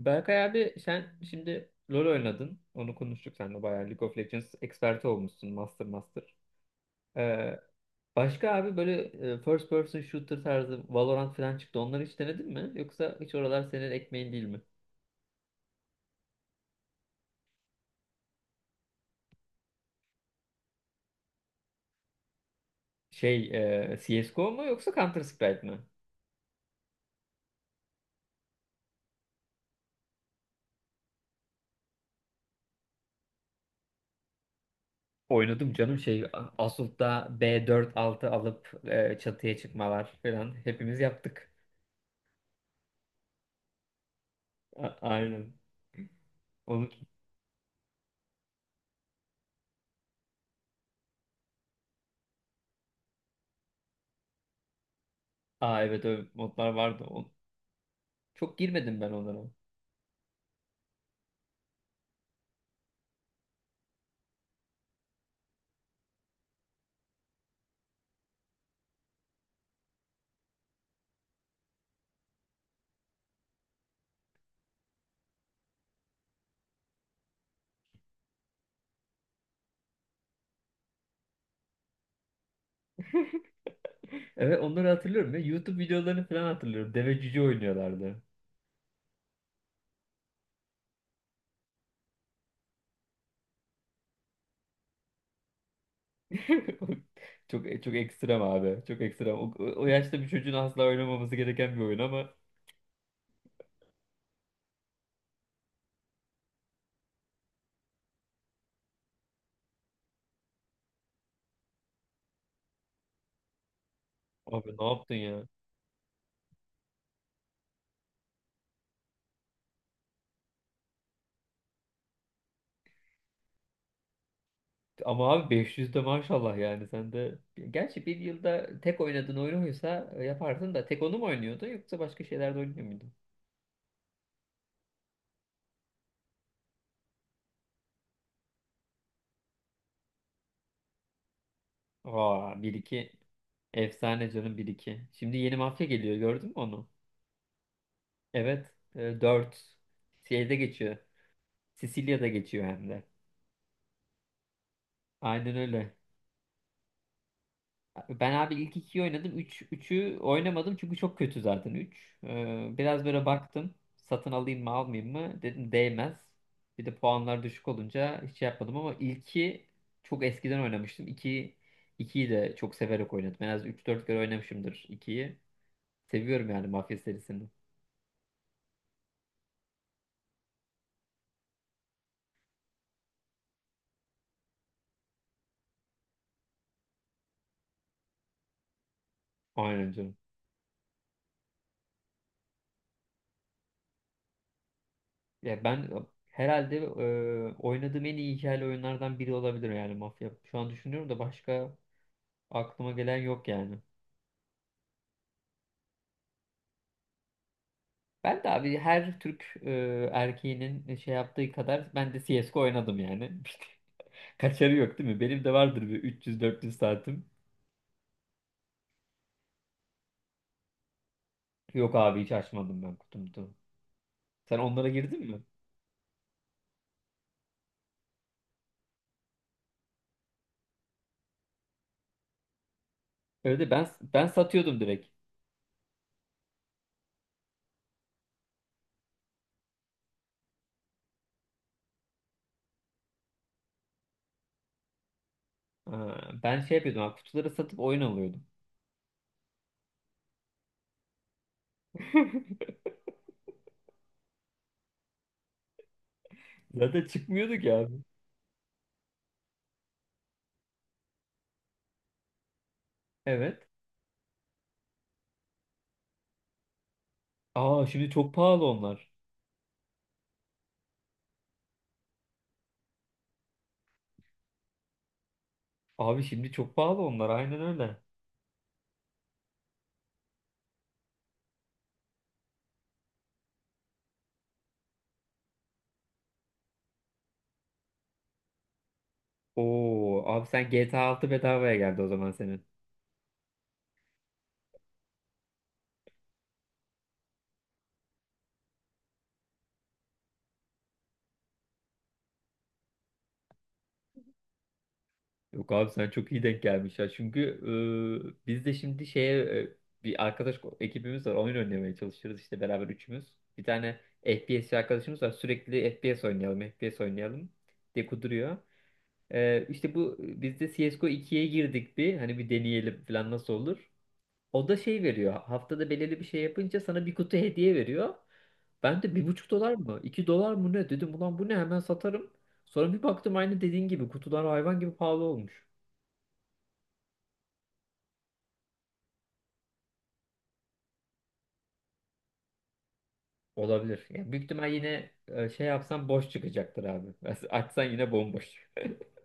Berkay abi, sen şimdi LoL oynadın. Onu konuştuk seninle bayağı. League of Legends eksperti olmuşsun. Master Master. Ee, Başka abi böyle first person shooter tarzı Valorant falan çıktı. Onları hiç denedin mi? Yoksa hiç oralar senin ekmeğin değil mi? Şey, CSGO mu yoksa Counter Strike mi? Oynadım canım, şey Assault'ta B4-6 alıp çatıya çıkmalar falan hepimiz yaptık. Aynen. Onu... Aa evet, öyle modlar vardı. Çok girmedim ben onlara. Evet, onları hatırlıyorum ya. YouTube videolarını falan hatırlıyorum. Deve cüce oynuyorlardı. Çok ekstrem abi. Çok ekstrem. O, o yaşta bir çocuğun asla oynamaması gereken bir oyun ama abi ne yaptın ya? Ama abi 500 de maşallah, yani sen de. Gerçi bir yılda tek oynadığın oyun oysa yaparsın da, tek onu mu oynuyordun yoksa başka şeyler de oynuyor muydun? Aa bir iki, efsane canım bir iki. Şimdi yeni mafya geliyor, gördün mü onu? Evet, 4 şeyde geçiyor. Sicilya'da geçiyor hem de. Aynen öyle. Ben abi ilk ikiyi oynadım. Üçü oynamadım çünkü çok kötü zaten üç. Biraz böyle baktım. Satın alayım mı almayayım mı? Dedim değmez. Bir de puanlar düşük olunca hiç şey yapmadım, ama ilki çok eskiden oynamıştım. İki, ikiyi de çok severek oynadım. En az üç dört kere oynamışımdır ikiyi. Seviyorum yani Mafya serisini. Aynen canım. Ya ben herhalde oynadığım en iyi hikayeli oyunlardan biri olabilir yani Mafya. Şu an düşünüyorum da, başka aklıma gelen yok yani. Ben de abi her Türk erkeğinin şey yaptığı kadar ben de CSGO oynadım yani. Kaçarı yok değil mi? Benim de vardır bir 300-400 saatim. Yok abi, hiç açmadım ben kutumuzu. Sen onlara girdin mi? Öyle de ben satıyordum direkt. Ha, ben şey yapıyordum abi, kutuları satıp oyun alıyordum. Zaten çıkmıyorduk ya abi. Evet. Aa şimdi çok pahalı onlar. Abi şimdi çok pahalı onlar, aynen öyle. Oo abi, sen GTA 6 bedavaya geldi o zaman senin. Yok abi, sen çok iyi denk gelmiş ya. Çünkü biz de şimdi şeye, bir arkadaş ekibimiz var. Oyun oynamaya çalışırız işte beraber üçümüz. Bir tane FPS arkadaşımız var. Sürekli FPS oynayalım, FPS oynayalım diye kuduruyor. E, işte bu biz de CSGO 2'ye girdik bir. Hani bir deneyelim falan, nasıl olur. O da şey veriyor. Haftada belirli bir şey yapınca sana bir kutu hediye veriyor. Ben de bir buçuk dolar mı, iki dolar mı ne? Dedim ulan bu ne? Hemen satarım. Sonra bir baktım, aynı dediğin gibi kutular hayvan gibi pahalı olmuş. Olabilir. Yani büyük ihtimal yine, şey yapsan boş çıkacaktır abi. Açsan yine bomboş.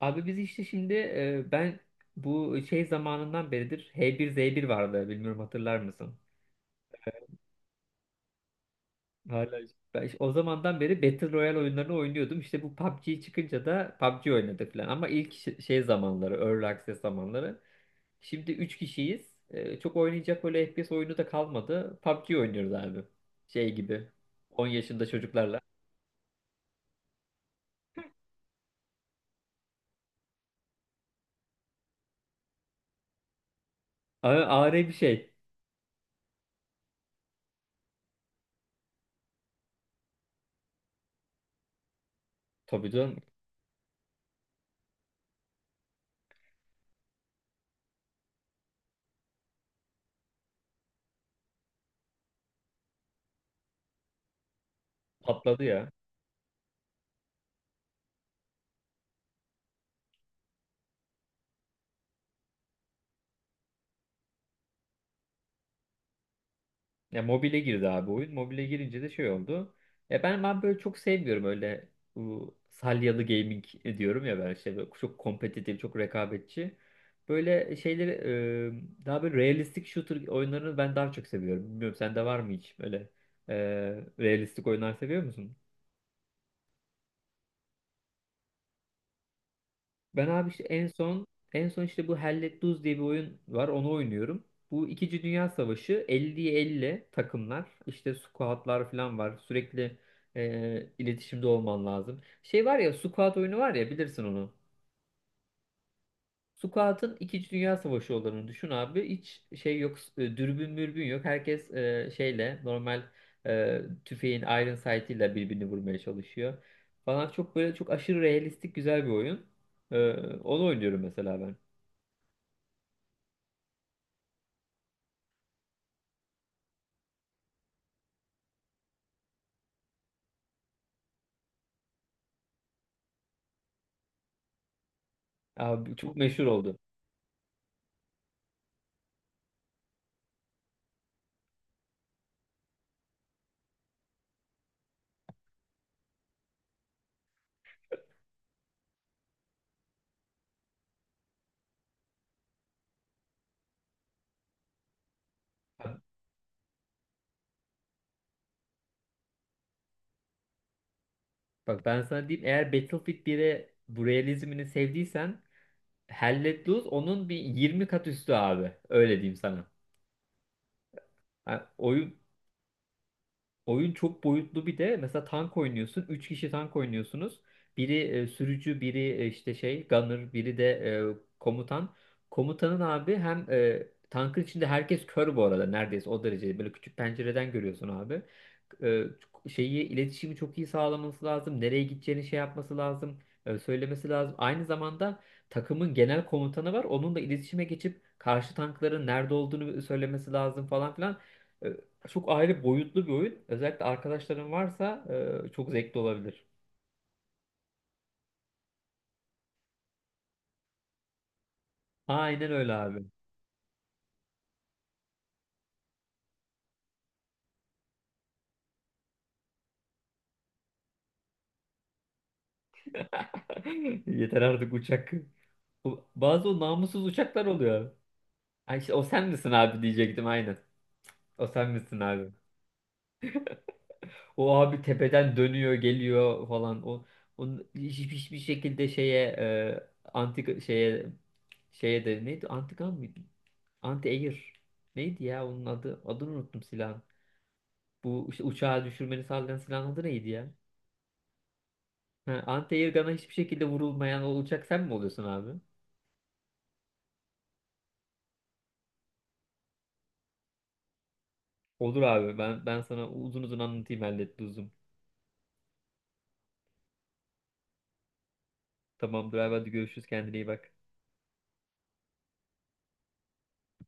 Abi biz işte şimdi, ben bu şey zamanından beridir H1Z1 vardı, bilmiyorum hatırlar mısın? Ben işte o zamandan beri Battle Royale oyunlarını oynuyordum. İşte bu PUBG çıkınca da PUBG oynadık falan. Ama ilk şey zamanları, Early Access zamanları. Şimdi 3 kişiyiz. E, çok oynayacak böyle FPS oyunu da kalmadı. PUBG oynuyoruz abi. Şey gibi. 10 yaşında çocuklarla. Ağır bir şey. Tabii canım, patladı ya. Ya mobile girdi abi oyun. Mobile girince de şey oldu. Ya ben böyle çok sevmiyorum öyle, bu salyalı gaming diyorum ya, ben işte böyle çok kompetitif, çok rekabetçi. Böyle şeyleri, daha böyle realistik shooter oyunlarını ben daha çok seviyorum. Bilmiyorum sende var mı hiç böyle, e, realistik oyunlar seviyor musun? Ben abi işte en son işte bu Hell Let Loose diye bir oyun var. Onu oynuyorum. Bu İkinci Dünya Savaşı, 50'ye 50 takımlar işte squadlar falan var. Sürekli iletişimde olman lazım. Şey var ya, squad oyunu var ya, bilirsin onu. Squad'ın İkinci Dünya Savaşı olduğunu düşün abi. Hiç şey yok, dürbün mürbün yok. Herkes şeyle normal, tüfeğin iron sight'ıyla birbirini vurmaya çalışıyor. Falan, çok böyle çok aşırı realistik güzel bir oyun. E, Onu oynuyorum mesela ben. Abi çok meşhur oldu. Bak bak, ben sana diyeyim, eğer Battlefield 1'e bu realizmini sevdiysen Hell Let Loose onun bir 20 kat üstü abi. Öyle diyeyim sana. Ha, oyun çok boyutlu, bir de mesela tank oynuyorsun. Üç kişi tank oynuyorsunuz. Biri sürücü, biri işte şey gunner, biri de komutan. Komutanın abi hem, tankın içinde herkes kör bu arada neredeyse, o derece. Böyle küçük pencereden görüyorsun abi. E, Şeyi, iletişimi çok iyi sağlaması lazım. Nereye gideceğini şey yapması lazım. Söylemesi lazım. Aynı zamanda takımın genel komutanı var. Onun da iletişime geçip karşı tankların nerede olduğunu söylemesi lazım falan filan. E, Çok ayrı boyutlu bir oyun. Özellikle arkadaşların varsa çok zevkli olabilir. Aynen öyle abi. Yeter artık uçak. Bazı o namussuz uçaklar oluyor. Ay işte o sen misin abi diyecektim, aynen. O sen misin abi. O abi tepeden dönüyor geliyor falan. O onun hiçbir şekilde şeye, anti şeye, şeye de neydi? Antikan mıydı? Anti air. Neydi ya onun adı? Adını unuttum silahın. Bu işte uçağı düşürmeni sağlayan silahın adı neydi ya? Ha, anti-airgun'a hiçbir şekilde vurulmayan olacak, sen mi oluyorsun abi? Olur abi, ben sana uzun uzun anlatayım hallet uzun. Tamamdır abi, hadi görüşürüz, kendine iyi bak.